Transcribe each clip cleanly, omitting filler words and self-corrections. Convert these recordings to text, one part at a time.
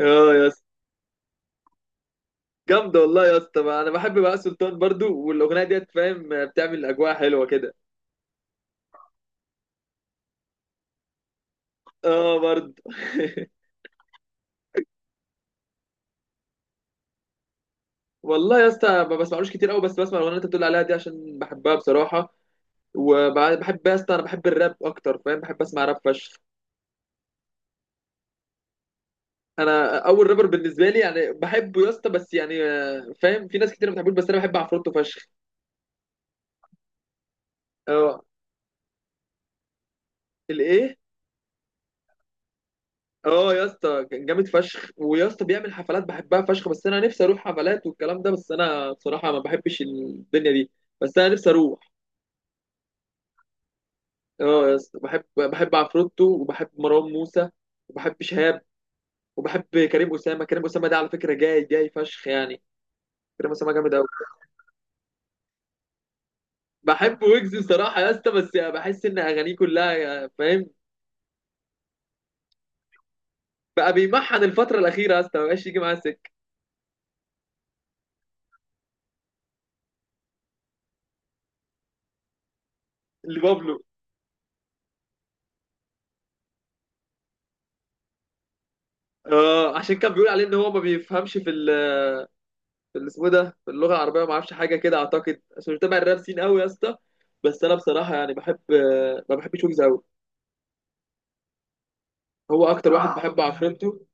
اه يا اسطى. جامده والله يا اسطى، ما انا بحب بقى سلطان برضو، والاغنيه ديت فاهم بتعمل اجواء حلوه كده. اه برضو. والله يا اسطى ما بسمعلوش كتير قوي، بس بسمع الاغنيه اللي انت بتقول عليها دي عشان بحبها بصراحه. وبحب يا اسطى، انا بحب الراب اكتر فاهم، بحب اسمع راب فشخ. انا اول رابر بالنسبه لي يعني بحبه يا اسطى، بس يعني فاهم في ناس كتير ما بتحبوش، بس انا بحب عفروتو فشخ. اه. الايه. اه يا اسطى كان جامد فشخ، ويا اسطى بيعمل حفلات بحبها فشخ، بس انا نفسي اروح حفلات والكلام ده، بس انا بصراحه ما بحبش الدنيا دي. بس انا نفسي اروح. اه يا اسطى، بحب عفروتو، وبحب مروان موسى، وبحب شهاب، وبحب كريم اسامه. كريم اسامه ده على فكره جاي جاي فشخ يعني. كريم اسامه جامد قوي. بحب ويجز بصراحه يا اسطى، بس بحس ان اغانيه كلها فاهم. بقى بيمحن الفتره الاخيره يا اسطى، ما بقاش يجي معاه سكه. لبابلو. اه، عشان كان بيقول عليه ان هو ما بيفهمش في، في اللي اسمه إيه ده، في اللغه العربيه ما اعرفش حاجه كده، اعتقد عشان مش متابع الراب سين قوي يا اسطى. بس انا بصراحه يعني بحب. ما بحبش ويجز قوي. هو اكتر واحد بحب عفرنته.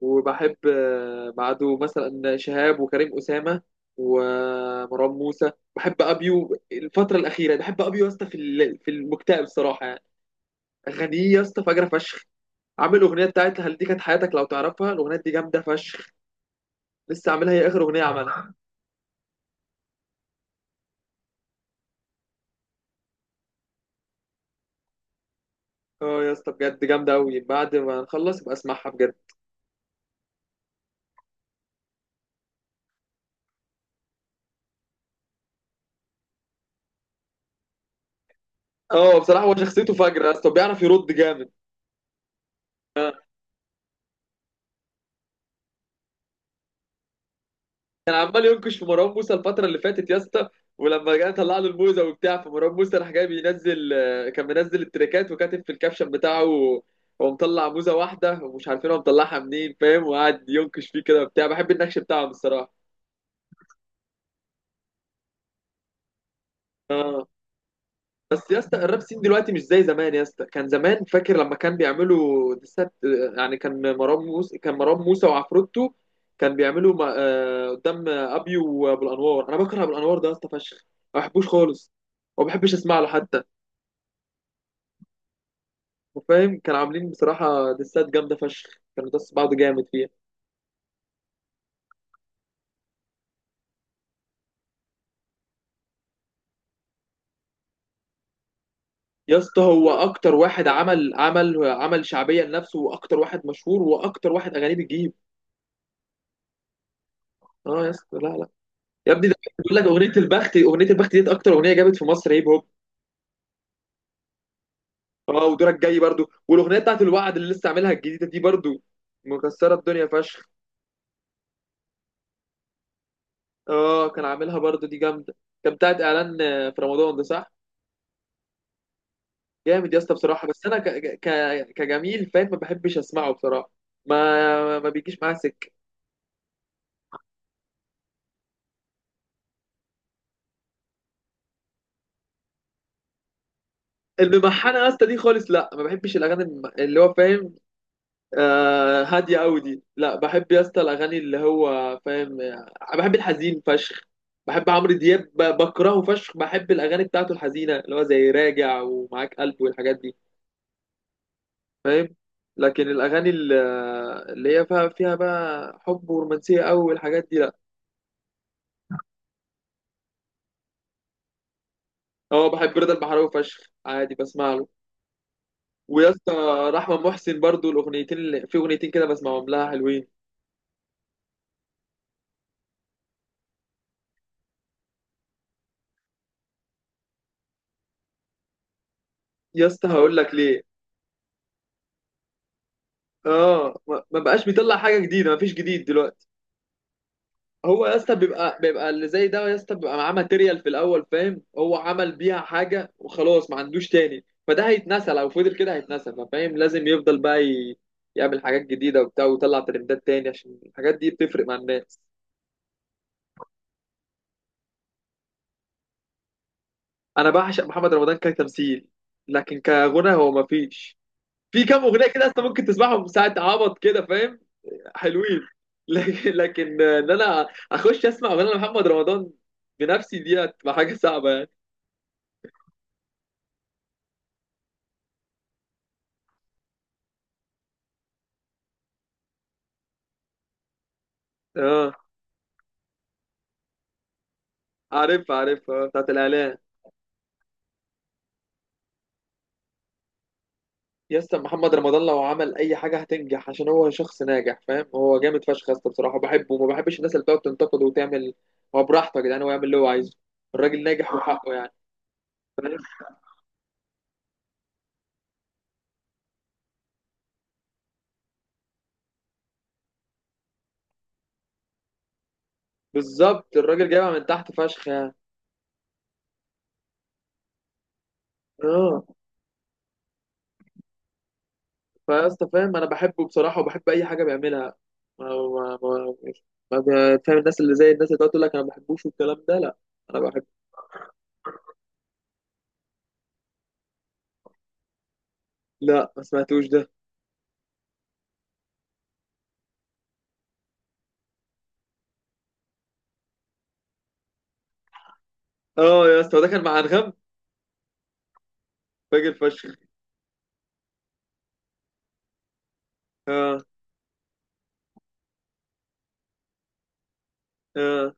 وبحب بعده مثلا شهاب وكريم اسامه ومروان موسى. بحب ابيو الفتره الاخيره، بحب ابيو يا اسطى في في المكتئب صراحه يعني. اغانيه يا اسطى فجره فشخ. عامل اغنيه بتاعت هل دي كانت حياتك، لو تعرفها الاغنيه دي جامده فشخ. لسه عاملها، هي اخر اغنيه عملها. اه يا اسطى بجد جامده قوي، بعد ما نخلص يبقى اسمعها بجد. اه بصراحه هو شخصيته فجره يا اسطى، بيعرف يرد جامد. كان عمال ينكش في مروان موسى الفتره اللي فاتت يا اسطى، ولما جه طلع له الموزه وبتاع، فمروان موسى راح جاي بينزل، كان منزل التريكات وكاتب في الكابشن بتاعه، هو مطلع موزه واحده ومش عارفين هو مطلعها منين فاهم، وقعد ينكش فيه كده وبتاع، بحب النكش بتاعهم الصراحه. اه، بس يا اسطى الراب سين دلوقتي مش زي زمان يا اسطى، كان زمان فاكر لما كان بيعملوا ديسات. يعني كان مروان موسى وعفروتو، كان بيعملوا قدام ابي وابو الانوار. انا بكره ابو الانوار ده يا اسطى فشخ، ما بحبوش خالص، وما بحبش اسمع له حتى فاهم. كانوا عاملين بصراحه ديسات جامده فشخ، كانوا داس بعض جامد فيها. يا اسطى هو اكتر واحد عمل شعبيه لنفسه، واكتر واحد مشهور، واكتر واحد اغانيه بتجيب. اه يا اسطى لا لا، يا ابني ده بيقول لك اغنيه البخت ديت اكتر اغنيه جابت في مصر هيب هوب. اه ودورك جاي برضو، والاغنيه بتاعت الوعد اللي لسه عاملها الجديده دي برضو مكسره الدنيا فشخ. اه كان عاملها برضو، دي جامده. كان بتاعت اعلان في رمضان ده صح. جامد يا اسطى بصراحه، بس انا ك... كجميل فاهم، ما بحبش اسمعه بصراحه، ما بيجيش معاه سكه. الممحنه يا اسطى دي خالص لا، ما بحبش الاغاني اللي هو فاهم، هادية أوي دي لا. بحب يا اسطى الأغاني اللي هو فاهم. بحب الحزين فشخ. بحب عمرو دياب، بكرهه فشخ. بحب الأغاني بتاعته الحزينة اللي هو زي راجع ومعاك قلب والحاجات دي فاهم. لكن الأغاني اللي هي فيها بقى حب ورومانسية أوي والحاجات دي لا. هو بحب رضا البحراوي فشخ عادي بسمع له. ويا اسطى رحمة محسن برضو، الأغنيتين اللي في أغنيتين كده بسمعهم لها حلوين. يا اسطى هقول لك ليه. اه ما بقاش بيطلع حاجة جديدة، ما فيش جديد دلوقتي. هو يا اسطى بيبقى اللي زي ده يا اسطى بيبقى معاه ماتيريال في الاول فاهم، هو عمل بيها حاجه وخلاص، ما عندوش تاني، فده هيتنسى، لو فضل كده هيتنسى فاهم. لازم يفضل بقى يعمل حاجات جديده وبتاع، ويطلع ترندات تاني عشان الحاجات دي بتفرق مع الناس. انا بعشق محمد رمضان كتمثيل، لكن كغنى هو ما فيش، في كام اغنيه كده اصلا ممكن تسمعهم ساعه عبط كده فاهم، حلوين. لكن ان انا اخش اسمع اغنيه لمحمد رمضان بنفسي، دي هتبقى حاجه صعبه يعني. اه، عارف عارف، بتاعت الاعلان. يا اسطى محمد رمضان لو عمل اي حاجه هتنجح، عشان هو شخص ناجح فاهم، هو جامد فشخ يا اسطى بصراحه، بحبه، وما بحبش الناس اللي بتقعد تنتقده وتعمل. هو براحته يا جدعان، هو يعمل اللي هو عايزه، الراجل ناجح وحقه يعني. بالظبط الراجل جايبها من تحت فشخ يعني. اه، فيا اسطى فاهم انا بحبه بصراحه، وبحب اي حاجه بيعملها، ما ما ما, فاهم، الناس اللي زي الناس اللي بتقعد تقول لك انا ما بحبوش والكلام ده لا، انا بحب. لا ما سمعتوش ده. اه يا اسطى ده كان مع انغام. فاجر فشخ. اه. اه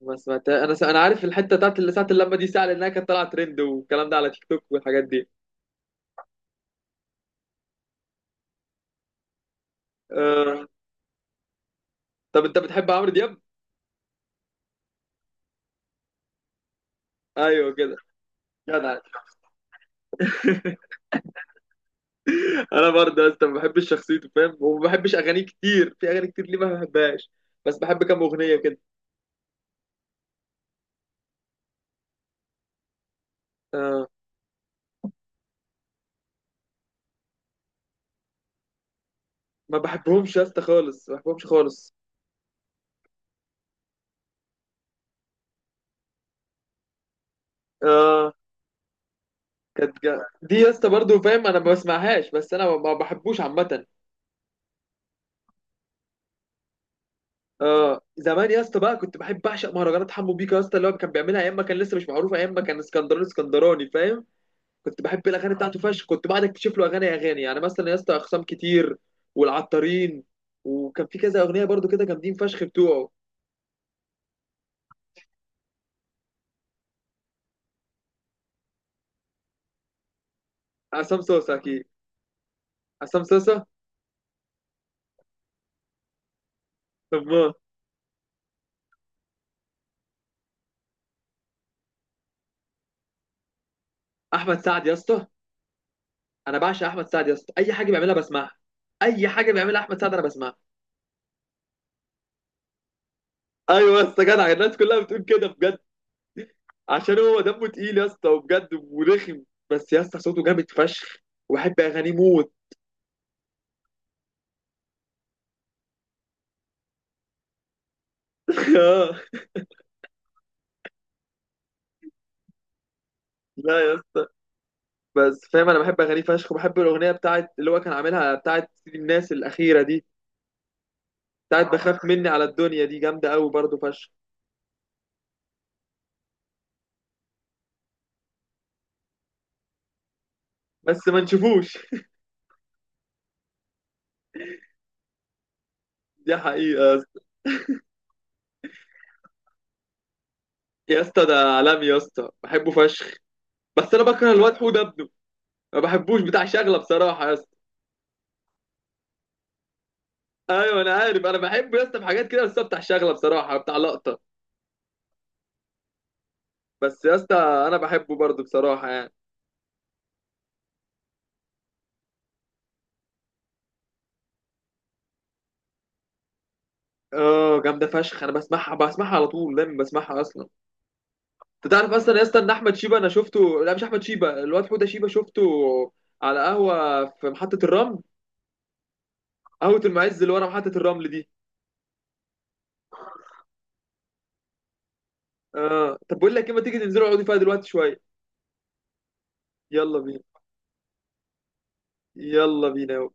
ما سمعتها انا، انا عارف الحته بتاعت اللي ساعه اللمه دي ساعه لانها كانت طالعه ترند والكلام ده على تيك توك والحاجات دي. آه... طب انت بتحب عمرو دياب؟ ايوه كده، جدع. انا برضه يا اسطى ما بحبش شخصيته فاهم، وما بحبش اغانيه كتير، في اغاني كتير ليه ما بحبهاش، بس بحب كام اغنيه كده. آه، ما بحبهمش يا اسطى خالص، ما بحبهمش خالص. آه، كانت دي يا اسطى برضه فاهم انا ما بسمعهاش، بس انا ما بحبوش عامه. اه زمان يا اسطى بقى كنت بحب بعشق مهرجانات حمو بيكا يا اسطى، اللي هو كان بيعملها ايام ما كان لسه مش معروف، ايام ما كان اسكندراني اسكندراني فاهم. كنت بحب الاغاني بتاعته فشخ، كنت بعد اكتشف له اغاني اغاني، يعني مثلا يا اسطى اقسام كتير والعطارين، وكان في كذا اغنيه برضو كده جامدين فشخ بتوعه. عصام صوصه اكيد. عصام صوصه. امه. احمد سعد يا اسطى. انا بعشق احمد سعد يا اسطى، اي حاجه بيعملها بسمعها. اي حاجه بيعملها احمد سعد انا بسمعها. ايوه يا اسطى جدع، الناس كلها بتقول كده بجد. عشان هو دمه تقيل يا اسطى وبجد ورخم، بس يا اسطى صوته جامد فشخ، وبحب اغانيه موت. آه. لا يا اسطى. بس فاهم انا بحب اغانيه فشخ، وبحب الاغنيه بتاعت اللي هو كان عاملها بتاعت سيدي الناس الاخيره دي، بتاعت بخاف مني على الدنيا، دي جامده قوي برضه فشخ. بس ما نشوفوش. دي حقيقه يا اسطى. يا اسطى ده عالمي يا اسطى، بحبه فشخ، بس انا بكره الواد حوده ابنه، ما بحبوش بتاع شغله بصراحه يا اسطى. ايوه انا عارف، انا بحبه يا اسطى في حاجات كده، بس هو بتاع شغله بصراحه، بتاع لقطه. بس يا اسطى انا بحبه برضه بصراحه يعني. اه جامده فشخ، انا بسمعها بسمعها على طول، دايما بسمعها اصلا. انت تعرف اصلا يا اسطى ان احمد شيبه انا شفته، لا مش احمد شيبه، الواد حوده شيبه شفته، على قهوه في محطه الرمل، قهوه المعز اللي ورا محطه الرمل دي. اه طب بقول لك ايه، ما تيجي ننزلوا نقعدوا فيها دلوقتي شويه؟ يلا بينا. يلا بينا.